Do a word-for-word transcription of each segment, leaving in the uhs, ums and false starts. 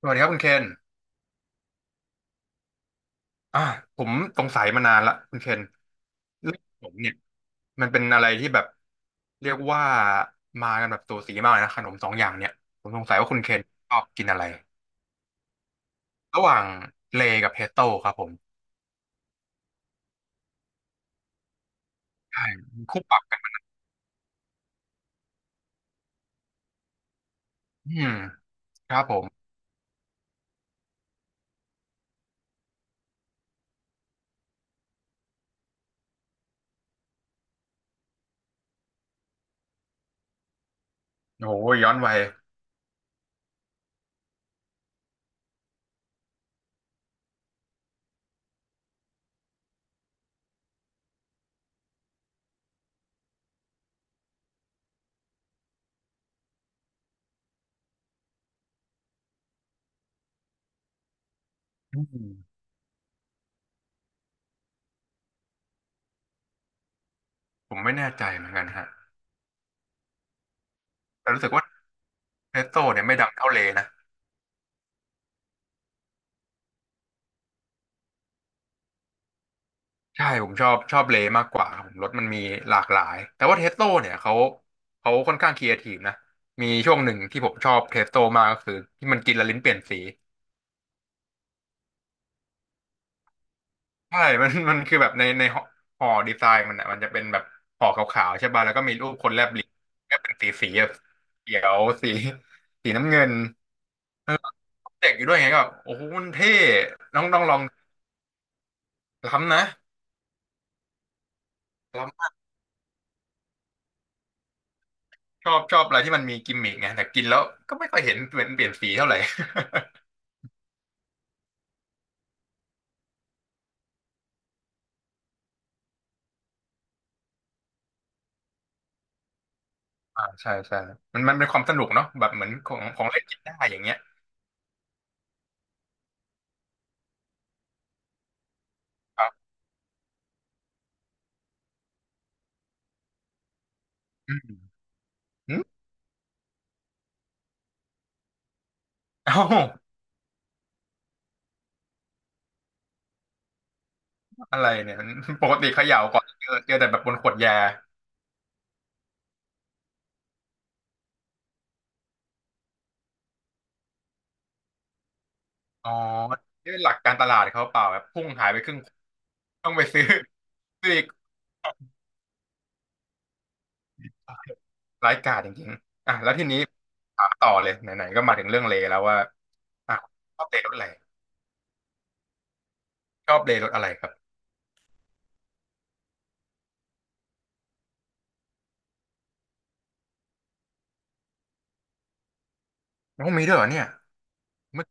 สวัสดีครับคุณเคนอ่าผมสงสัยมานานละคุณเคนเรื่องขนมเนี่ยมันเป็นอะไรที่แบบเรียกว่ามากันแบบสูสีมากเลยนะขนมสองอย่างเนี่ยผมสงสัยว่าคุณเคนชอบกินอะไรระหว่างเลย์กับเพสโต้ครับผมใช่คู่ปรับกันอืมครับผมโอ้โหย้อนวัยอืมผมไม่แน่ใจเหมือนกันฮะแต่รู้สึกว่าเพสโต้เนี่ยไม่ดังเท่าเลย์นะ ใช่ผมชอบชอบเลมากกว่าครับผมรถมันมีหลากหลายแต่ว่าเทสโ a เนี่ยเขาเขาค่อนข้างครีเอทีฟนะมีช่วงหนึ่งที่ผมชอบเทสโ a มากก็คือที่มันกินและลิ้นเปลี่ยนสีใช่ มันมันคือแบบในในห่อห่อดีไซน์มันอ่ะมันจะเป็นแบบห่อขาวๆใช่ป่ะแล้วก็มีรูปคนแลบลิ้นก็เป็นสีสีแบบเขียวสีสีน้ำเงินเออเด็กอยู่ด้วยไงก็แบบโอ้โหมันเท่น้องต้องลองล้ำนะล้ำมากชอบชอบอะไรที่มันมีกิมมิกไงแต่กินแล้วก็ไม่ค่อยเห็นเปลี่ยนเปลี่ยนสีเท่าไหร่ อ่าใช่ใช่มันมันเป็นความสนุกเนาะแบบเหมือนของของเล่นกินได้อย่างเงี้ยครับอืมอืมเอ้าอะไรเนี่ยปกติเขย่าก่อนเจอเจอแต่แบบบนขวดยาอ๋อด้วยหลักการตลาดเขาเปล่าแบบพุ่งหายไปครึ่งต้องไปซื้อซื้ออีกร้ายกาจจริงๆอ่ะแล้วทีนี้ถามต่อเลยไหนๆก็มาถึงเรื่องเลแล้วว่าอ่ะชอบเลรถอะไรชอบเลรถอะไรครับโอ้มีด้วยเหรอเนี่ยเมื่อ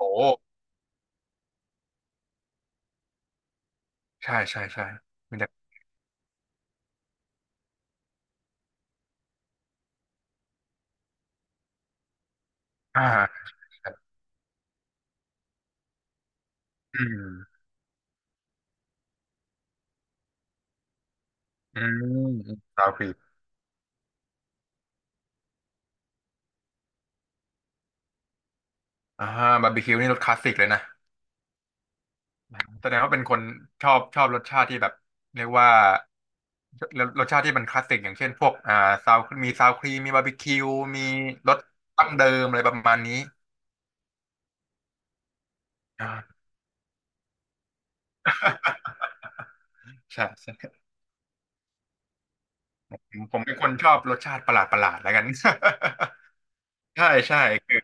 โอ้ใช่ใช่ใช่มีแต่อ่าอืมอืมราวฟรี อ่าบาร์บีคิวนี่รสคลาสสิกเลยนะแสดงว่าเป็นคนชอบชอบรสชาติที่แบบเรียกว่ารสชาติที่มันคลาสสิกอย่างเช่นพวกอ่าซาวมีซาวครีมมีบาร์บีคิวมีรสตั้งเดิมอะไรประมาณนี้อ่า ใช่ใช่ผมผมเป็นคนชอบรสชาติประหลาดประหลาดแล้วกัน ใช่ใช่คือ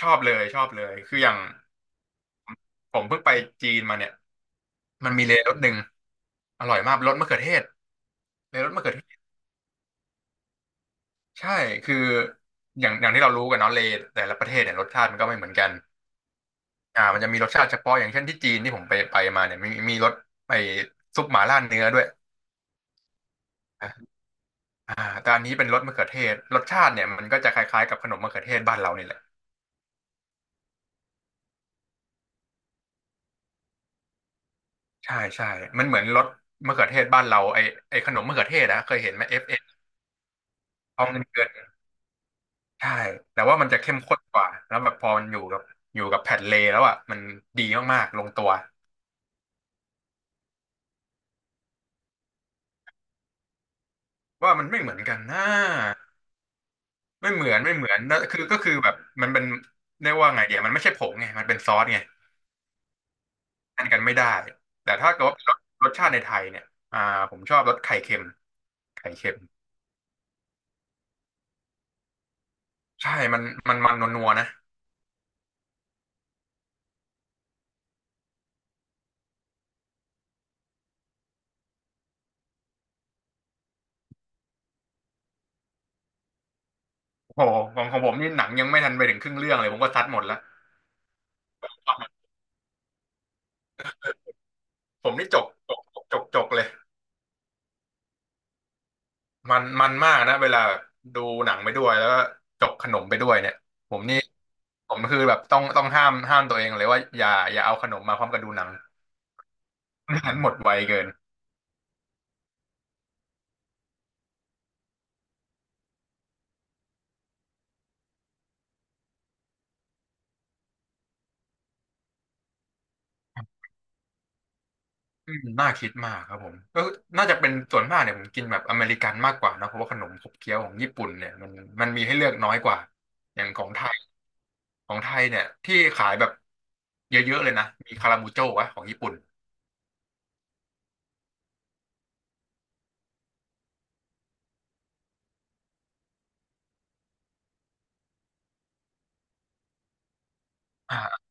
ชอบเลยชอบเลยคืออย่างผมเพิ่งไปจีนมาเนี่ยมันมีเลยรสหนึ่งอร่อยมากรสมะเขือเทศเลยรสมะเขือเทศ ใช่คืออย่างอย่างที่เรารู้กันเนาะเลแต่ละประเทศเนี่ยรสชาติมันก็ไม่เหมือนกันอ่ามันจะมีรสชาติเฉพาะอย่างเช่นที่จีนที่ผมไปไปมาเนี่ยมีมีรสไอ้ซุปหม่าล่าเนื้อด้วยอ่าอ่าแต่อันนี้เป็นรสมะเขือเทศรสชาติเนี่ยมันก็จะคล้ายๆกับขนมมะเขือเทศบ้านเรานี่แหละใช่ใช่มันเหมือนรสมะเขือเทศบ้านเราไอไอขนมมะเขือเทศนะเคยเห็นไหมเอฟเอทองเกินใช่แต่ว่ามันจะเข้มข้นกว่าแล้วแบบพอมันอยู่กับอยู่กับแผ่นเลแล้วอ่ะมันดีมากๆลงตัวว่ามันไม่เหมือนกันนะ ไม่เหมือนไม่เหมือนแล้วคือก็คือแบบมันเป็นเรียกว่าไงเดียวมันไม่ใช่ผงไงมันเป็นซอสไงทานกันไม่ได้แต่ถ้าเกิดว่าเป็นรสรสชาติในไทยเนี่ยอ่าผมชอบรสไข่เค็มไข่เค็มใช่มันมันมันนัวๆนะโอ้โหของของผมนี่หนังยังไม่ทันไปถึงครึ่งเรื่องเลยผมก็ซัดหมดแล้วผมนี่จกจกจกจกเลยมันมันมากนะเวลาดูหนังไปด้วยแล้วก็จกขนมไปด้วยเนี่ยผมนี่ผมคือแบบต้องต้องห้ามห้ามตัวเองเลยว่าอย่าอย่าเอาขนมมาพร้อมกับดูหนัง ไม่งั้นหมดไวเกิน อืมน่าคิดมากครับผมก็น่าจะเป็นส่วนมากเนี่ยผมกินแบบอเมริกันมากกว่านะเพราะว่าขนมขบเคี้ยวของญี่ปุ่นเนี่ยมันมันมีให้เลือกน้อยกว่าอย่างของไทยของไทยเนี่ยที่ขายแบบเยอะๆเลยนะมีคารามูโจ้วะของญี่ปุ่นอ่า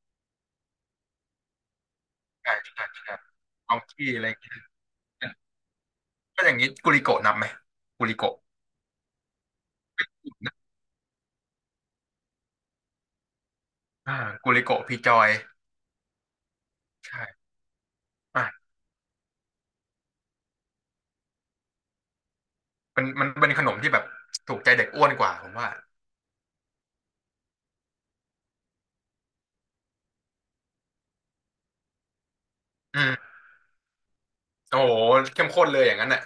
ใช่ใช่ใช่ของที่อะไรอย่างเงี้ยก็อย่างนี้กุลิโกะนับไหมกุลิโกะอ่ากุลิโกะพีจอยใช่อ่ะเป็นมันเป็นขนมที่แบบถูกใจเด็กอ้วนกว่าผมว่าอืมโอ้โหเข้มข้นเลยอย่างนั้นน่ะ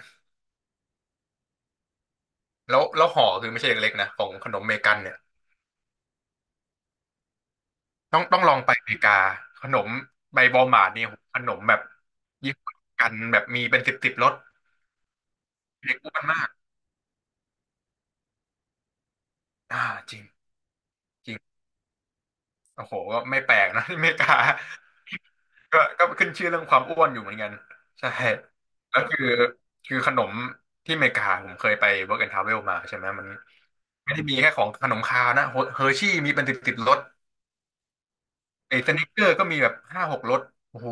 แล้วแล้วห่อคือไม่ใช่เล็กๆนะของขนมเมกันเนี่ยต้องต้องลองไปอเมริกาขนมใบบอลหมาดเนี่ยโหขนมแบบยี่ห้อกันแบบมีเป็นสิบสิบรสเด็กอ้วนมากอ่าจริงจริงโอ้โหก็ไม่แปลกนะ ที่อเมริกาก็ก็ขึ้นชื่อเรื่องความอ้วนอยู่เหมือนกันใช่แล้วคือคือขนมที่อเมริกาผมเคยไป Work and Travel มาใช่ไหมมันไม่ได้มีแค่ของขนมคาวนะเฮอร์ชี่มีเป็นสิบสิบรสไอ้สนิกเกอร์ก็มีแบบห้าหกรสโอ้โห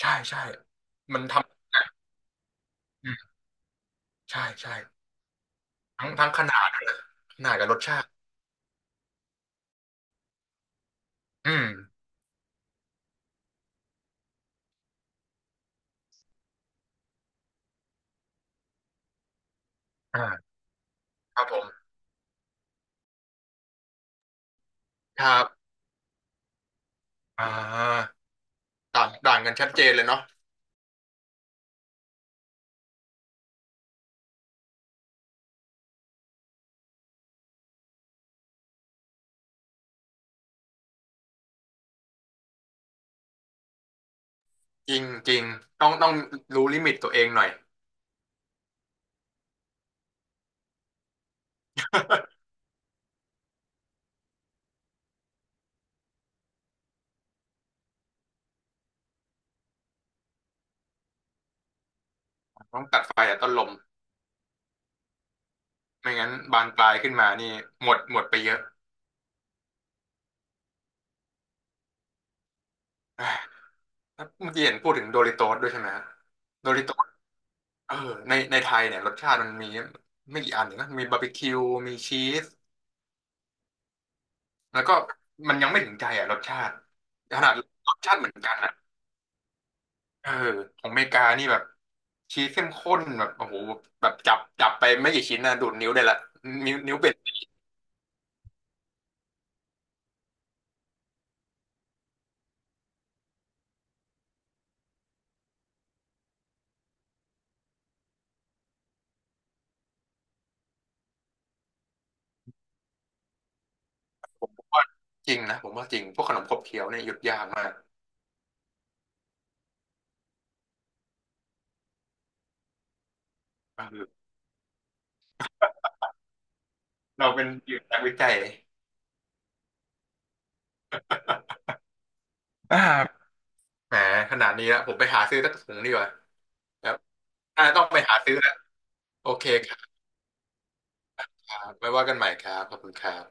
ใช่ใช่มันทำอืมใช่ใช่ทั้งทั้งขนาดขนาดกับรสชาติ อืมอ่าครับผมครับ อ่าต่างต่างกันชัดเจนเลยเนาะจริงจริงต้องต้องรู้ลิมิตตัวเองหน่อย ต้องตัดไฟแต่ต้นลมไม่งั้นบานปลายขึ้นมานี่หมดหมดไปเยอะอ่าแล้วเมื่อกี้เห็นพูดถึงโดริโตสด้วยใช่ไหมฮะโดริโตสเออในในไทยเนี่ยรสชาติมันมีไม่กี่อันเองนะมีบาร์บีคิวมีชีสแล้วก็มันยังไม่ถึงใจอ่ะรสชาติขนาดรสชาติเหมือนกันนะ เออของอเมริกานี่แบบชีสเข้มข้นแบบโอ้โหแบบจับจับไปไม่กี่ชิ้นนะดูดนิ้วได้ละนิ้วนิ้วเป็นจริงนะผมว่าจริงพวกขนมขบเคี้ยวเนี่ยหยุดยากมากเออเราเป็นนักวิจัย อ่าแหมขนาดนี้แล้วผมไปหาซื้อสักถุงดีกว่าครับอ่าต้องไปหาซื้อแหละโอเคครับไว้ว่ากันใหม่ครับขอบคุณครับ